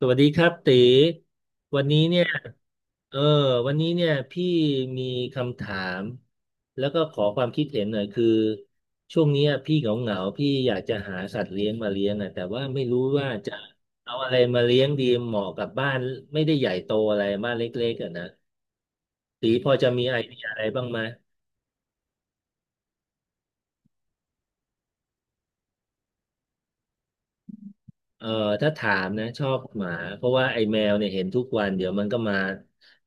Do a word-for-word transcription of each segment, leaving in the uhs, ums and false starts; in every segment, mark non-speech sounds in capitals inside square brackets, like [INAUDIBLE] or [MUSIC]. สวัสดีครับตีวันนี้เนี่ยเออวันนี้เนี่ยพี่มีคำถามแล้วก็ขอความคิดเห็นหน่อยคือช่วงเนี้ยพี่เหงาเหงาพี่อยากจะหาสัตว์เลี้ยงมาเลี้ยงอ่ะแต่ว่าไม่รู้ว่าจะเอาอะไรมาเลี้ยงดีเหมาะกับบ้านไม่ได้ใหญ่โตอะไรบ้านเล็กๆอ่ะนะตีพอจะมีไอเดียอะไรบ้างไหมเออถ้าถามนะชอบหมาเพราะว่าไอ้แมวเนี่ยเห็นทุกวันเดี๋ยวมันก็มา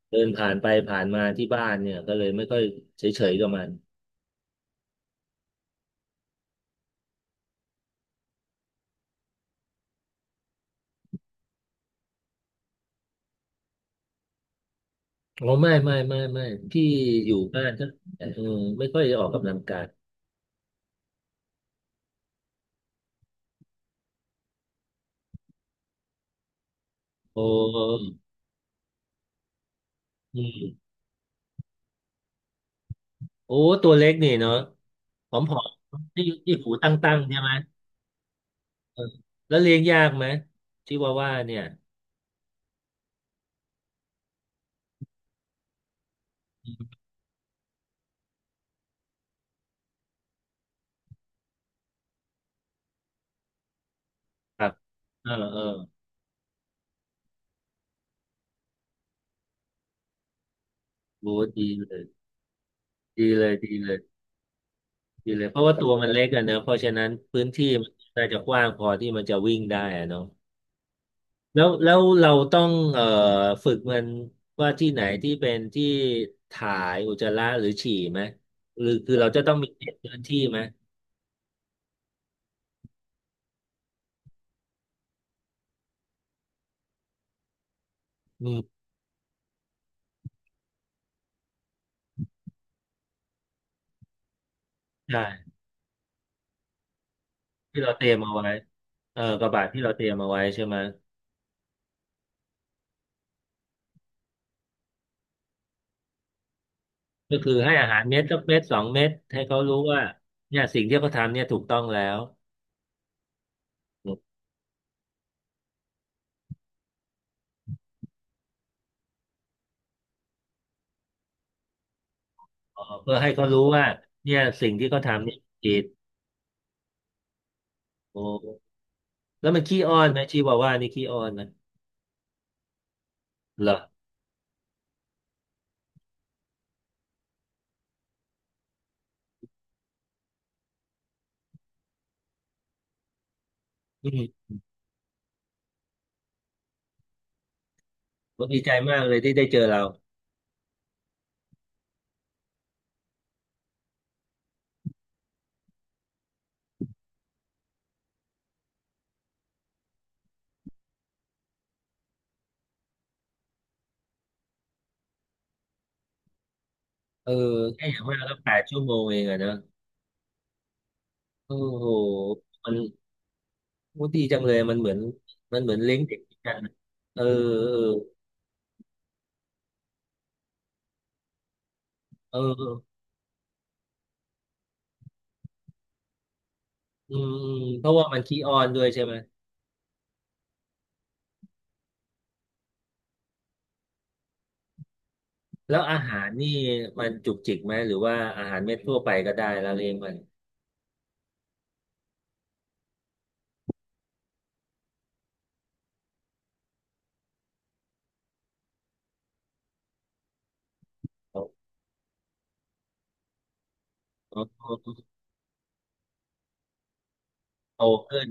เดินผ่านไปผ่านมาที่บ้านเนี่ยก็เลยไม่ค่อยเฉยๆกับมัน อ๋อไม่ไม่ไม่ไม่พี่อยู่บ้านก็เออไม่ค่อยได้ออกกำลังกายโอ้อืมโอ้ตัวเล็กนี่เนาะผอมๆที่ที่หูตั้งๆใช่ไหมเออแล้วเลี้ยงยากไหมชิวาว่าเนี่ยครับเออเออโอ้ดีเลยดีเลยดีเลยดีเลยเพราะว่าตัวมันเล็กอะเนอะเพราะฉะนั้นพื้นที่มันน่าจะกว้างพอที่มันจะวิ่งได้อะเนาะ แล้วแล้วเราต้องเอ่อฝึกมันว่าที่ไหนที่เป็นที่ถ่ายอุจจาระหรือฉี่ไหมหรือคือเราจะต้องมีเขตพื้นที่ไหมอืมใช่ที่เราเตรียมเอาไว้เออกระบะที่เราเตรียมเอาไว้ใช่ไหมก็คือให้อาหารเม็ดสักเม็ดสองเม็ดให้เขารู้ว่าเนี่ยสิ่งที่เขาทำเนี่ยถูกต้องแล้วเออเพื่อให้เขารู้ว่าเนี่ยสิ่งที่เขาทำเนี่ยผิดโอ้แล้วมันขี้อ้อนไหมชีวาว่านี่ขี้อ้อนไหมเหรออืมผมดีใจมากเลยที่ได้เจอเรา เออแค่อย่างมากก็แปดชั่วโมงเองอะนะโอ้โหมันโอ้ดีจังเลยมันเหมือนมันเหมือนเลี้ยงเด็กกันนะเออเออเอออืมอืมเพราะว่ามันขี้อ้อนด้วยใช่ไหมแล้วอาหารนี่มันจุกจิกไหมหรือว่าอาหารเม็ดทั่วไปก็ได้แล้วเลี้ยงมันโตโตขึ้น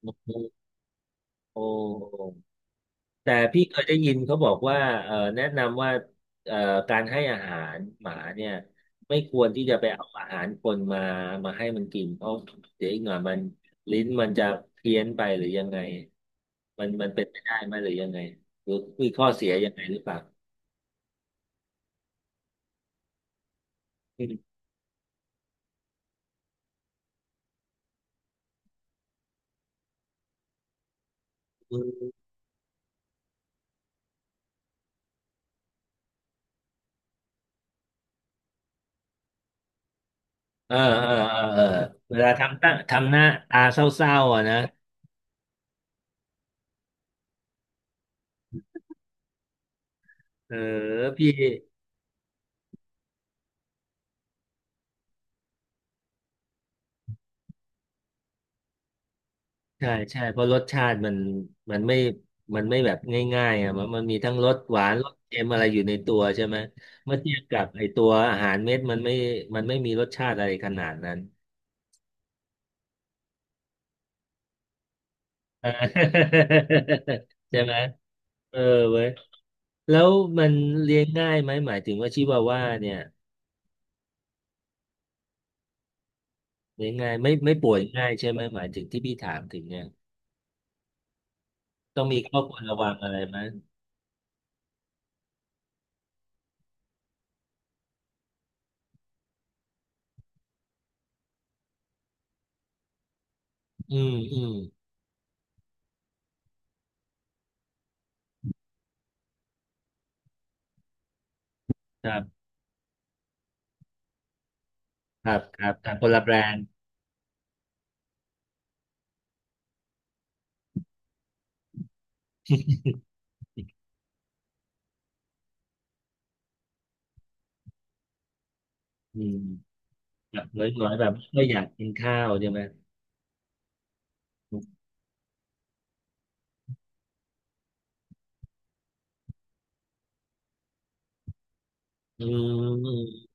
โอ้โห แต่พี่เคยได้ยินเขาบอกว่าเอ่อแนะนำว่าเอ่อการให้อาหารหมาเนี่ยไม่ควรที่จะไปเอาอาหารคนมามาให้มันกินเพราะเดี๋ยวอีกหน่อยมันลิ้นมันจะเพี้ยนไปหรือยังไงมันมันเป็นไปได้ไหมหรือยังไงหรือมีข้อเสียยังไงหรือเปล่าอืมเออเออเออเออเวลาทำตั้งทำหน้าตาเศร้าๆอ่ะนะเออพี่ ใช่ใช่เพราะรสชาติมันมันไม่มันไม่แบบง่ายๆอ่ะมันมันมีทั้งรสหวานรสเค็มอะไรอยู่ในตัวใช่ไหมเมื่อเทียบกับไอตัวอาหารเม็ดมันไม่มันไม่มีรสชาติอะไรขนาดนั้นเออ [LAUGHS] ใช่ไหมเออเว้ยแล้วมันเลี้ยงง่ายไหมหมายถึงว่าชิวาว่าเนี่ยเลี้ยงง่ายไม่ไม่ป่วยง่ายใช่ไหมหมายถึงที่พี่ถามถึงเนี่ยต้องมีข้อควรระวังอะไรไหมอืมอืมครับครับครับครับคนละแบรนด์อืม แบบน้อยๆแบบก็อยากกินข้าวใช่ไหมอืม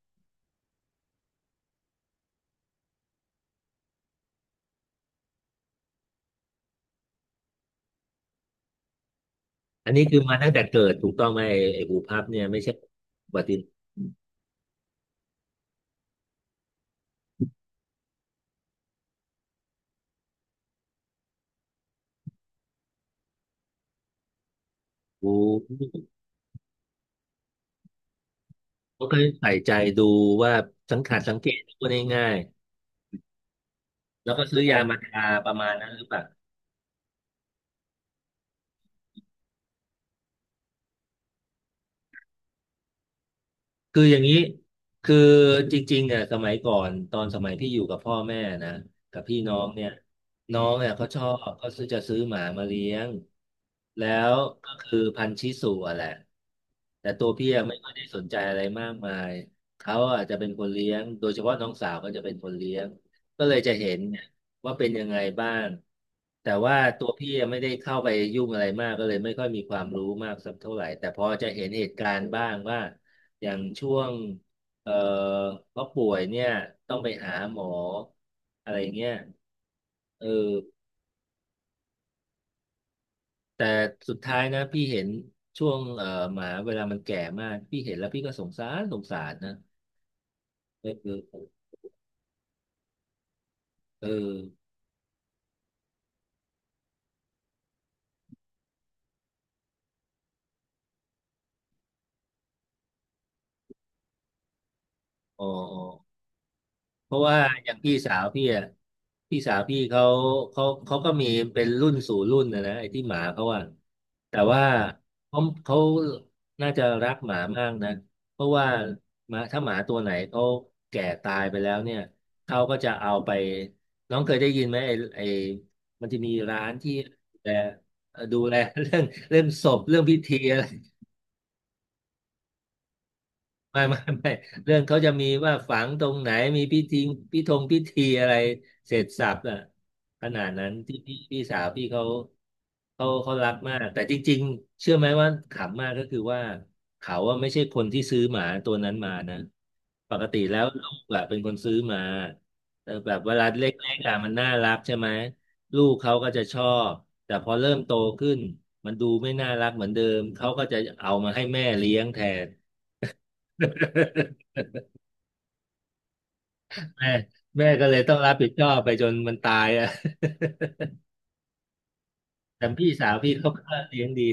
อันนี้คือมาตั้งแต่เกิดถูกต้องไหมไอ้ไอ้หูพับเนี่ยไม่ใช่อุบัติเหตุโ้เขาเคยใส่ใจดูว่าสังขารสังเกตพูดง่ายๆแล้วก็ซื้อยามาทาประมาณนั้นหรือเปล่า คืออย่างนี้คือจริงๆเนี่ยสมัยก่อนตอนสมัยพี่อยู่กับพ่อแม่นะกับพี่น้องเนี่ยน้องเนี่ยเขาชอบเขาซื้อจะซื้อหมามาเลี้ยงแล้วก็คือพันธุ์ชิสุอะแหละแต่ตัวพี่อะไม่ค่อยได้สนใจอะไรมากมายเขาอาจจะเป็นคนเลี้ยงโดยเฉพาะน้องสาวก็จะเป็นคนเลี้ยงก็เลยจะเห็นเนี่ยว่าเป็นยังไงบ้างแต่ว่าตัวพี่อะไม่ได้เข้าไปยุ่งอะไรมากก็เลยไม่ค่อยมีความรู้มากสักเท่าไหร่แต่พอจะเห็นเหตุการณ์บ้างว่า อย่างช่วงเอ่อเขาป่วยเนี่ยต้องไปหาหมออะไรเงี้ยเออแต่สุดท้ายนะพี่เห็นช่วงเอ่อหมาเวลามันแก่มากพี่เห็นแล้วพี่ก็สงสารสงสารนะเออเออเอออ๋ออ๋อ เพราะว่าอย่างพี่สาวพี่อ่ะพี่สาวพี่เขาเขาเขาก็มีเป็นรุ่นสู่รุ่นนะนะไอ้ที่หมาเขาอ่ะแต่ว่าเขาเขาน่าจะรักหมามากนะเพราะว่าหมาถ้าหมาตัวไหนเขาแก่ตายไปแล้วเนี่ยเขาก็จะเอาไปน้องเคยได้ยินไหมไอ้ไอ้มันจะมีร้านที่ดูแลดูแลเรื่องเรื่องศพเรื่องพิธีอะไร ไม่ [LAUGHS] ไม่ไม่เรื่องเขาจะมีว่าฝังตรงไหนมีพิธีพิธงพิธีอะไรเสร็จสรรพอะขนาดนั้นที่พี่พี่สาวพี่เขาเขาเขารักมากแต่จริงๆเชื่อไหมว่าขำมากก็คือว่าเขาอะไม่ใช่คนที่ซื้อหมาตัวนั้นมานะปกติแล้วลูกอะเป็นคนซื้อมาแต่แบบเวลาเล็กๆอะมันน่ารักใช่ไหมลูกเขาก็จะชอบแต่พอเริ่มโตขึ้นมันดูไม่น่ารักเหมือนเดิมเขาก็จะเอามาให้แม่เลี้ยงแทน แม่แม่ก็เลยต้องรับผิดชอบไปจนมันตายอ่ะ [LAUGHS] แต่พี่สาวพี่เขาก็เลี้ยงดี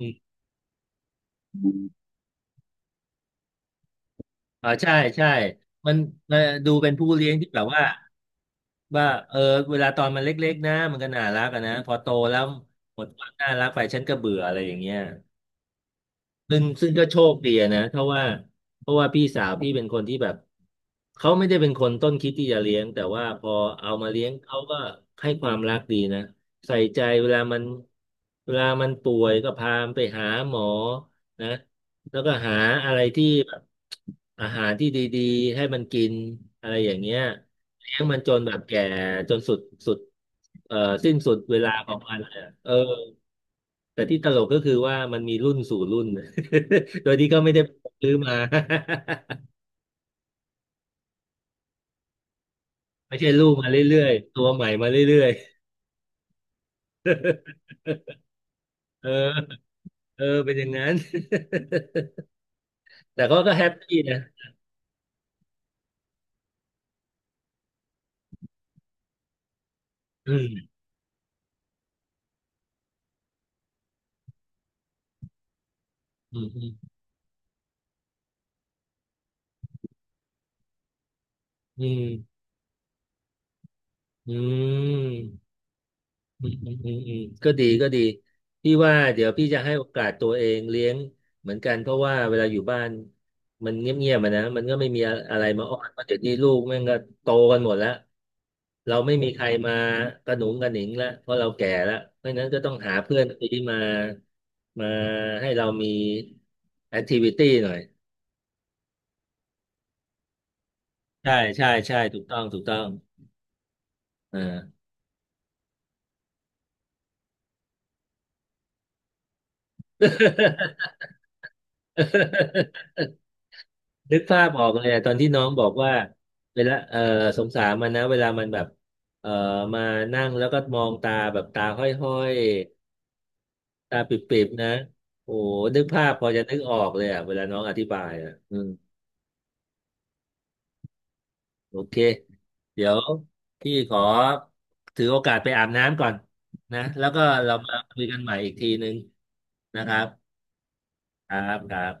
อืมอ๋อใช่ใช่มันมันดูเป็นผู้เลี้ยงที่แบบว่าว่าเออเวลาตอนมันเล็กๆนะมันก็น่ารักอะนะพอโตแล้วหมดความน่ารักไปฉันก็เบื่ออะไรอย่างเงี้ย ซึ่งซึ่งก็โชคดีอะนะเพราะว่าเพราะว่าพี่สาวพี่เป็นคนที่แบบเขาไม่ได้เป็นคนต้นคิดที่จะเลี้ยงแต่ว่าพอเอามาเลี้ยงเขาก็ให้ความรักดีนะใส่ใจเวลามันเวลามันป่วยก็พามันไปหาหมอนะแล้วก็หาอะไรที่แบบอาหารที่ดีๆให้มันกินอะไรอย่างเงี้ยเลี้ยงมันจนแบบแก่จนสุดสุดเอ่อสิ้นสุดเวลาของมันเลยอะเออ แต่ที่ตลกก็คือว่ามันมีรุ่นสู่รุ่น [LAUGHS] โดยที่ก็ไม่ได้ซื้อมา [LAUGHS] ไม่ใช่ลูกมาเรื่อยๆตัวใหม่มาเรื่อยๆ [LAUGHS] เออเออเป็นอย่างนั้น [LAUGHS] แต่เขาก็แฮปปี้นะอืมอืมอืมอืม อืมอืมอืมอืมก็ดีก็ดีพี่ว่าเดี๋ยวพี่จะให้โอกาสตัวเองเลี้ยงเหมือนกันเพราะว่าเวลาอยู่บ้านมันเงียบๆมานะมันก็ไม่มีอะไรมาอ้อนเพราะเดี๋ยวนี้ลูกแม่งก็โตกันหมดแล้วเราไม่มีใครมากระหนุงกระหนิงแล้วเพราะเราแก่แล้วเพราะฉะนั้นก็ต้องหาเพื่อนที่มามาให้เรามีแอคทิวิตี้หน่อยใช่ใช่ใช่ถูกต้องถูกต้องอ่า นึกภาพออกเลยอะตอนที่น้องบอกว่าเวลาเออสงสารมันนะเวลามันแบบเออมานั่งแล้วก็มองตาแบบตาห้อยๆตาปิบๆนะโอ้นึกภาพพอจะนึกออกเลยอ่ะเวลาน้องอธิบายอ่ะอืมโอเคเดี๋ยวพี่ขอถือโอกาสไปอาบน้ำก่อนนะแล้วก็เรามาคุยกันใหม่อีกทีนึงนะครับครับครับ